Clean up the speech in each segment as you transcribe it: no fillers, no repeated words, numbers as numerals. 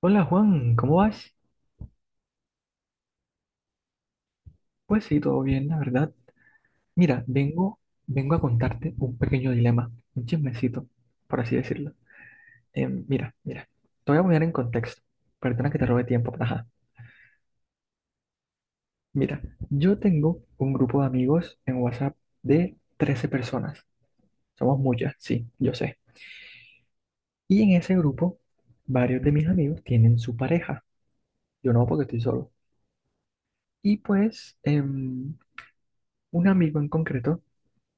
Hola, Juan, ¿cómo vas? Pues sí, todo bien, la verdad. Mira, vengo a contarte un pequeño dilema, un chismecito, por así decirlo. Mira, mira, te voy a poner en contexto. Perdona que te robe tiempo, pero ajá. Mira, yo tengo un grupo de amigos en WhatsApp de 13 personas. Somos muchas, sí, yo sé. Y en ese grupo, varios de mis amigos tienen su pareja. Yo no, porque estoy solo. Y pues, un amigo en concreto,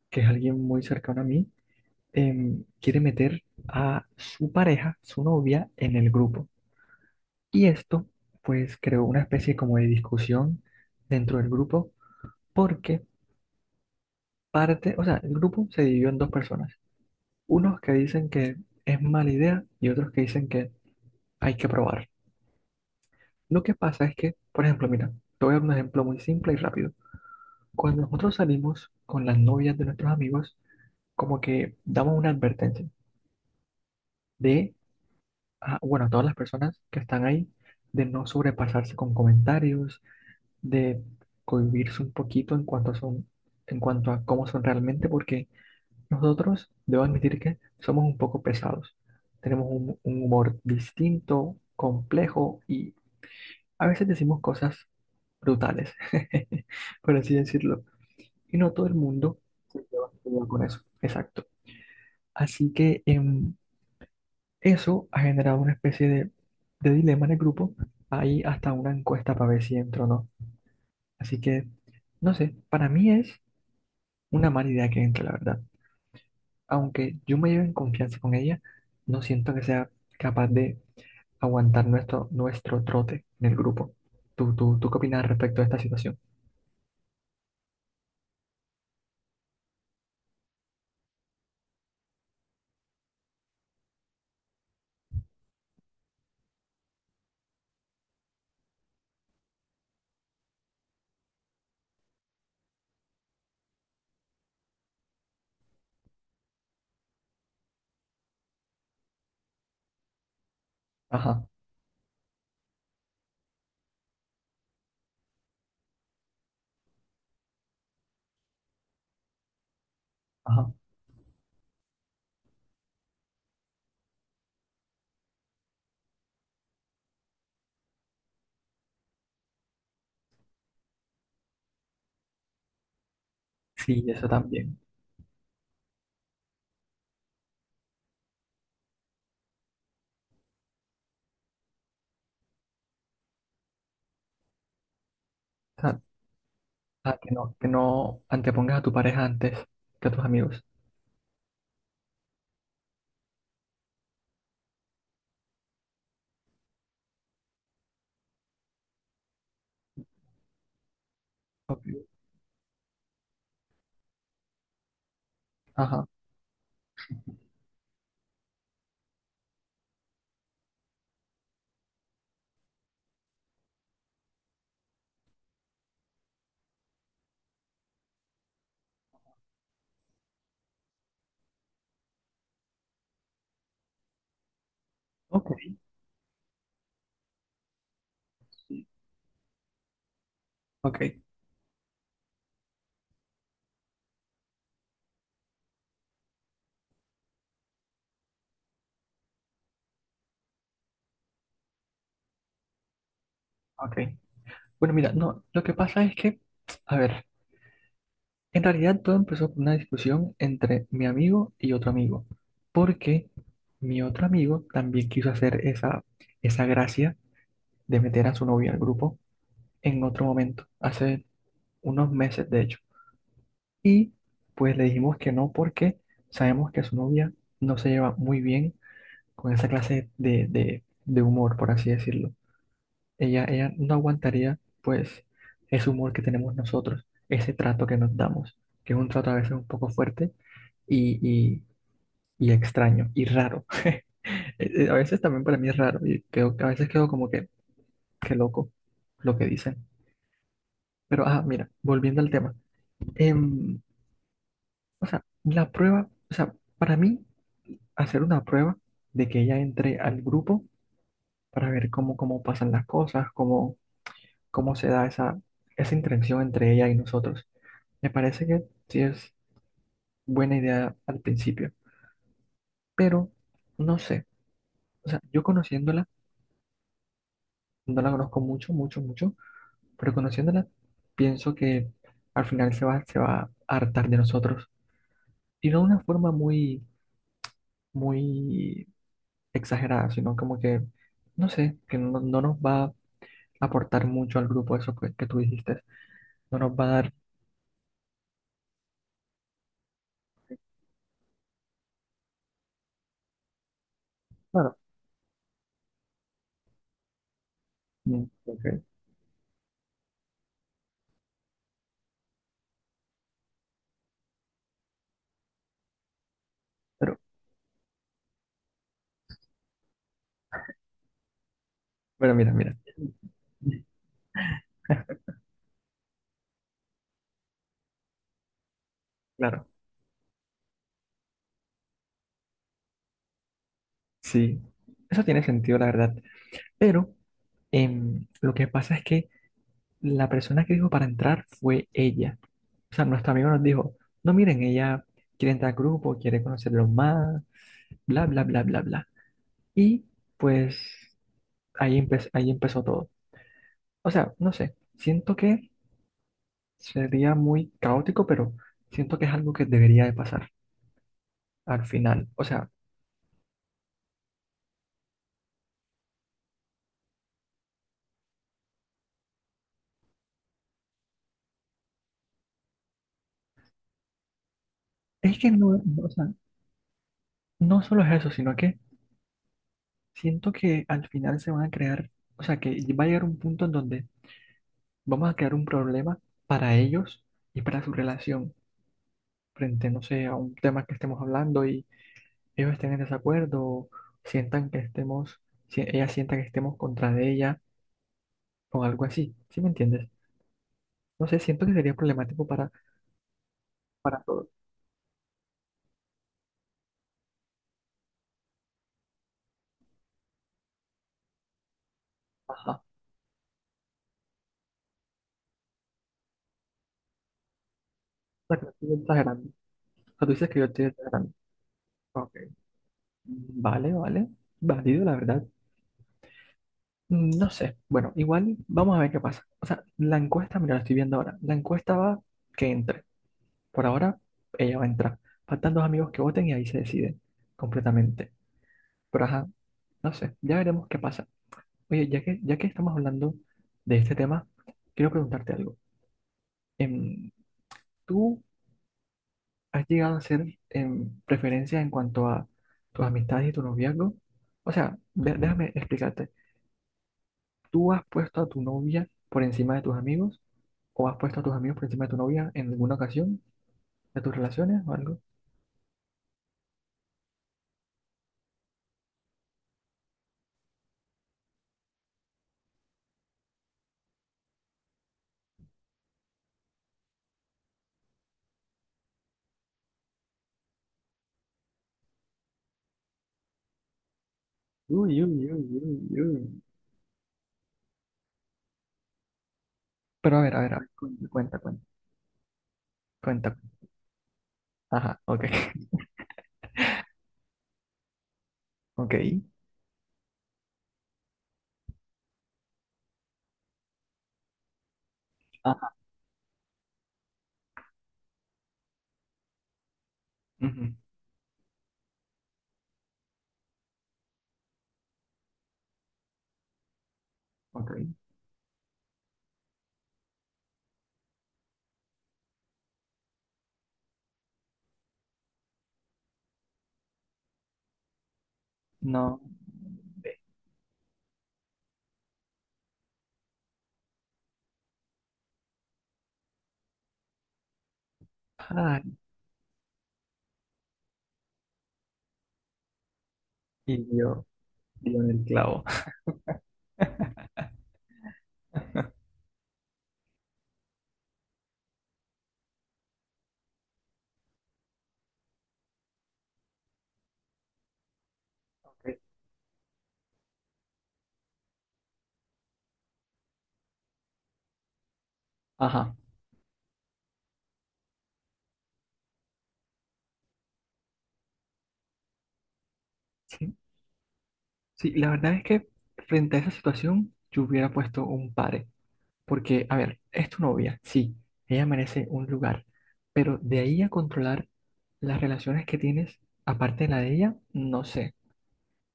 que es alguien muy cercano a mí, quiere meter a su pareja, su novia, en el grupo. Y esto, pues, creó una especie como de discusión dentro del grupo, porque o sea, el grupo se dividió en dos personas. Unos que dicen que es mala idea y otros que dicen que hay que probar. Lo que pasa es que, por ejemplo, mira, te voy a dar un ejemplo muy simple y rápido. Cuando nosotros salimos con las novias de nuestros amigos, como que damos una advertencia de bueno, a todas las personas que están ahí, de no sobrepasarse con comentarios, de cohibirse un poquito en cuanto a son, en cuanto a cómo son realmente, porque nosotros, debo admitir que somos un poco pesados. Tenemos un humor distinto, complejo, y a veces decimos cosas brutales, por así decirlo. Y no todo el mundo se lleva con eso. Exacto. Así que, eso ha generado una especie de dilema en el grupo. Hay hasta una encuesta para ver si entro o no. Así que, no sé, para mí es una mala idea que entre, la verdad. Aunque yo me lleve en confianza con ella, no siento que sea capaz de aguantar nuestro trote en el grupo. ¿Tú qué opinas respecto a esta situación? Ajá, ajá. Sí, eso también. O sea, ah, que no antepongas a tu pareja antes que a tus amigos. Ok. Ajá. Ok. Sí. Ok. Ok. Bueno, mira, no, lo que pasa es que, a ver, en realidad todo empezó por una discusión entre mi amigo y otro amigo, porque mi otro amigo también quiso hacer esa gracia de meter a su novia al grupo en otro momento, hace unos meses de hecho. Y pues le dijimos que no porque sabemos que su novia no se lleva muy bien con esa clase de humor, por así decirlo. Ella no aguantaría, pues, ese humor que tenemos nosotros, ese trato que nos damos, que es un trato a veces un poco fuerte y, y- y extraño y raro. A veces también para mí es raro y creo que a veces quedo como que, qué loco lo que dicen. Pero, ah, mira, volviendo al tema. Em, o sea, la prueba, o sea, para mí, hacer una prueba de que ella entre al grupo para ver cómo pasan las cosas, cómo se da esa interacción entre ella y nosotros. Me parece que sí es buena idea al principio, pero no sé. O sea, yo conociéndola, no la conozco mucho, mucho, mucho, pero conociéndola, pienso que al final se va a hartar de nosotros. Y no de una forma muy, muy exagerada, sino como que, no sé, que no nos va a aportar mucho al grupo eso que tú dijiste. No nos va a dar... Claro. Mm, ok. Pero, pero mira, mira. Claro, sí. Eso tiene sentido, la verdad. Pero... lo que pasa es que la persona que dijo para entrar fue ella. O sea, nuestro amigo nos dijo, no miren, ella quiere entrar al grupo, quiere conocerlo más, bla, bla, bla, bla, bla. Y pues ahí, ahí empezó todo. O sea, no sé, siento que sería muy caótico, pero siento que es algo que debería de pasar al final. O sea, es que o sea, no solo es eso, sino que siento que al final se van a crear, o sea, que va a llegar un punto en donde vamos a crear un problema para ellos y para su relación frente, no sé, a un tema que estemos hablando y ellos estén en desacuerdo o sientan que estemos, si ella sienta que estemos contra de ella o algo así. ¿Sí me entiendes? No sé, siento que sería problemático para todos. Ajá. O sea, que no estoy exagerando. O sea, tú dices que yo estoy exagerando. Ok. Vale, vale. Válido, la verdad. Mm, no sé. Bueno, igual vamos a ver qué pasa. O sea, la encuesta, mira, la estoy viendo ahora. La encuesta va que entre. Por ahora, ella va a entrar. Faltan dos amigos que voten y ahí se decide completamente. Pero ajá, no sé, ya veremos qué pasa. Oye, ya que estamos hablando de este tema, quiero preguntarte algo. Em, ¿Tú has llegado a hacer preferencias en cuanto a tus amistades y tu noviazgo? O sea, déjame explicarte. ¿Tú has puesto a tu novia por encima de tus amigos? ¿O has puesto a tus amigos por encima de tu novia en alguna ocasión de tus relaciones o algo? Uy, uy, uy, uy, uy. Pero a ver, a ver, a ver, cuenta, cuenta, cuenta, cuenta. Ajá, ok, ok. Ajá, ujú, ok. No. Ay, y dio en el clavo. Ok, ajá, sí. Sí, la verdad es que frente a esa situación yo hubiera puesto un pare. Porque, a ver, es tu novia, sí, ella merece un lugar. Pero de ahí a controlar las relaciones que tienes, aparte de la de ella, no sé.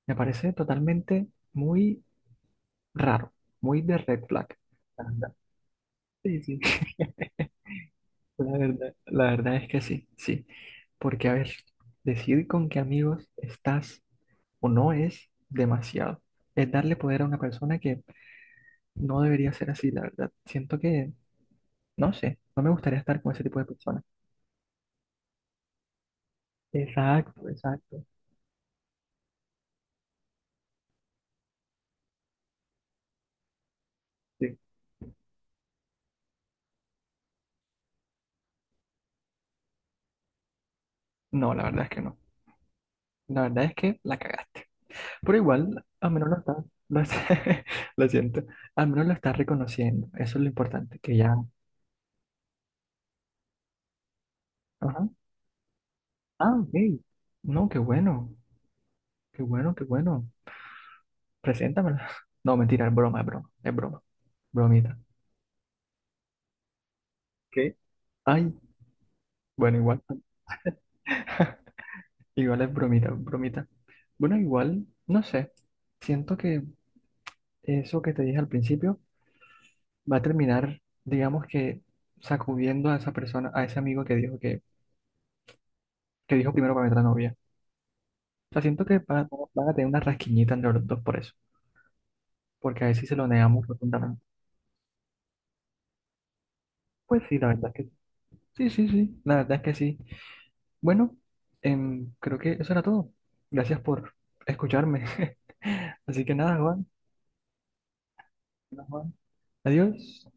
Me parece totalmente muy raro, muy de red flag. La verdad. Sí, sí, la verdad, la verdad es que sí, sí. Porque, a ver, decir con qué amigos estás o no es demasiado. Es darle poder a una persona que no debería ser así, la verdad. Siento que, no sé, no me gustaría estar con ese tipo de personas. Exacto, exacto. Sí. No, la verdad es que no. La verdad es que la cagaste. Pero igual, al menos lo siento, al menos lo estás reconociendo. Eso es lo importante, que ya... Ajá. Ah, ok. No, qué bueno, qué bueno, qué bueno. Preséntamela. No, mentira, es broma, es broma, es broma. Bromita. ¿Qué? Ay, bueno, igual, es bromita, bromita. Bueno, igual, no sé. Siento que eso que te dije al principio va a terminar, digamos que sacudiendo a esa persona, a ese amigo que dijo que dijo primero para meter a novia. O sea, siento que van a tener una rasquiñita entre los dos por eso. Porque a ver si se lo negamos rotundamente. Pues sí, la verdad es que sí, sí, sí. Sí. La verdad es que sí. Bueno, creo que eso era todo. Gracias por escucharme. Así que nada, Juan. Nada, Juan. Adiós.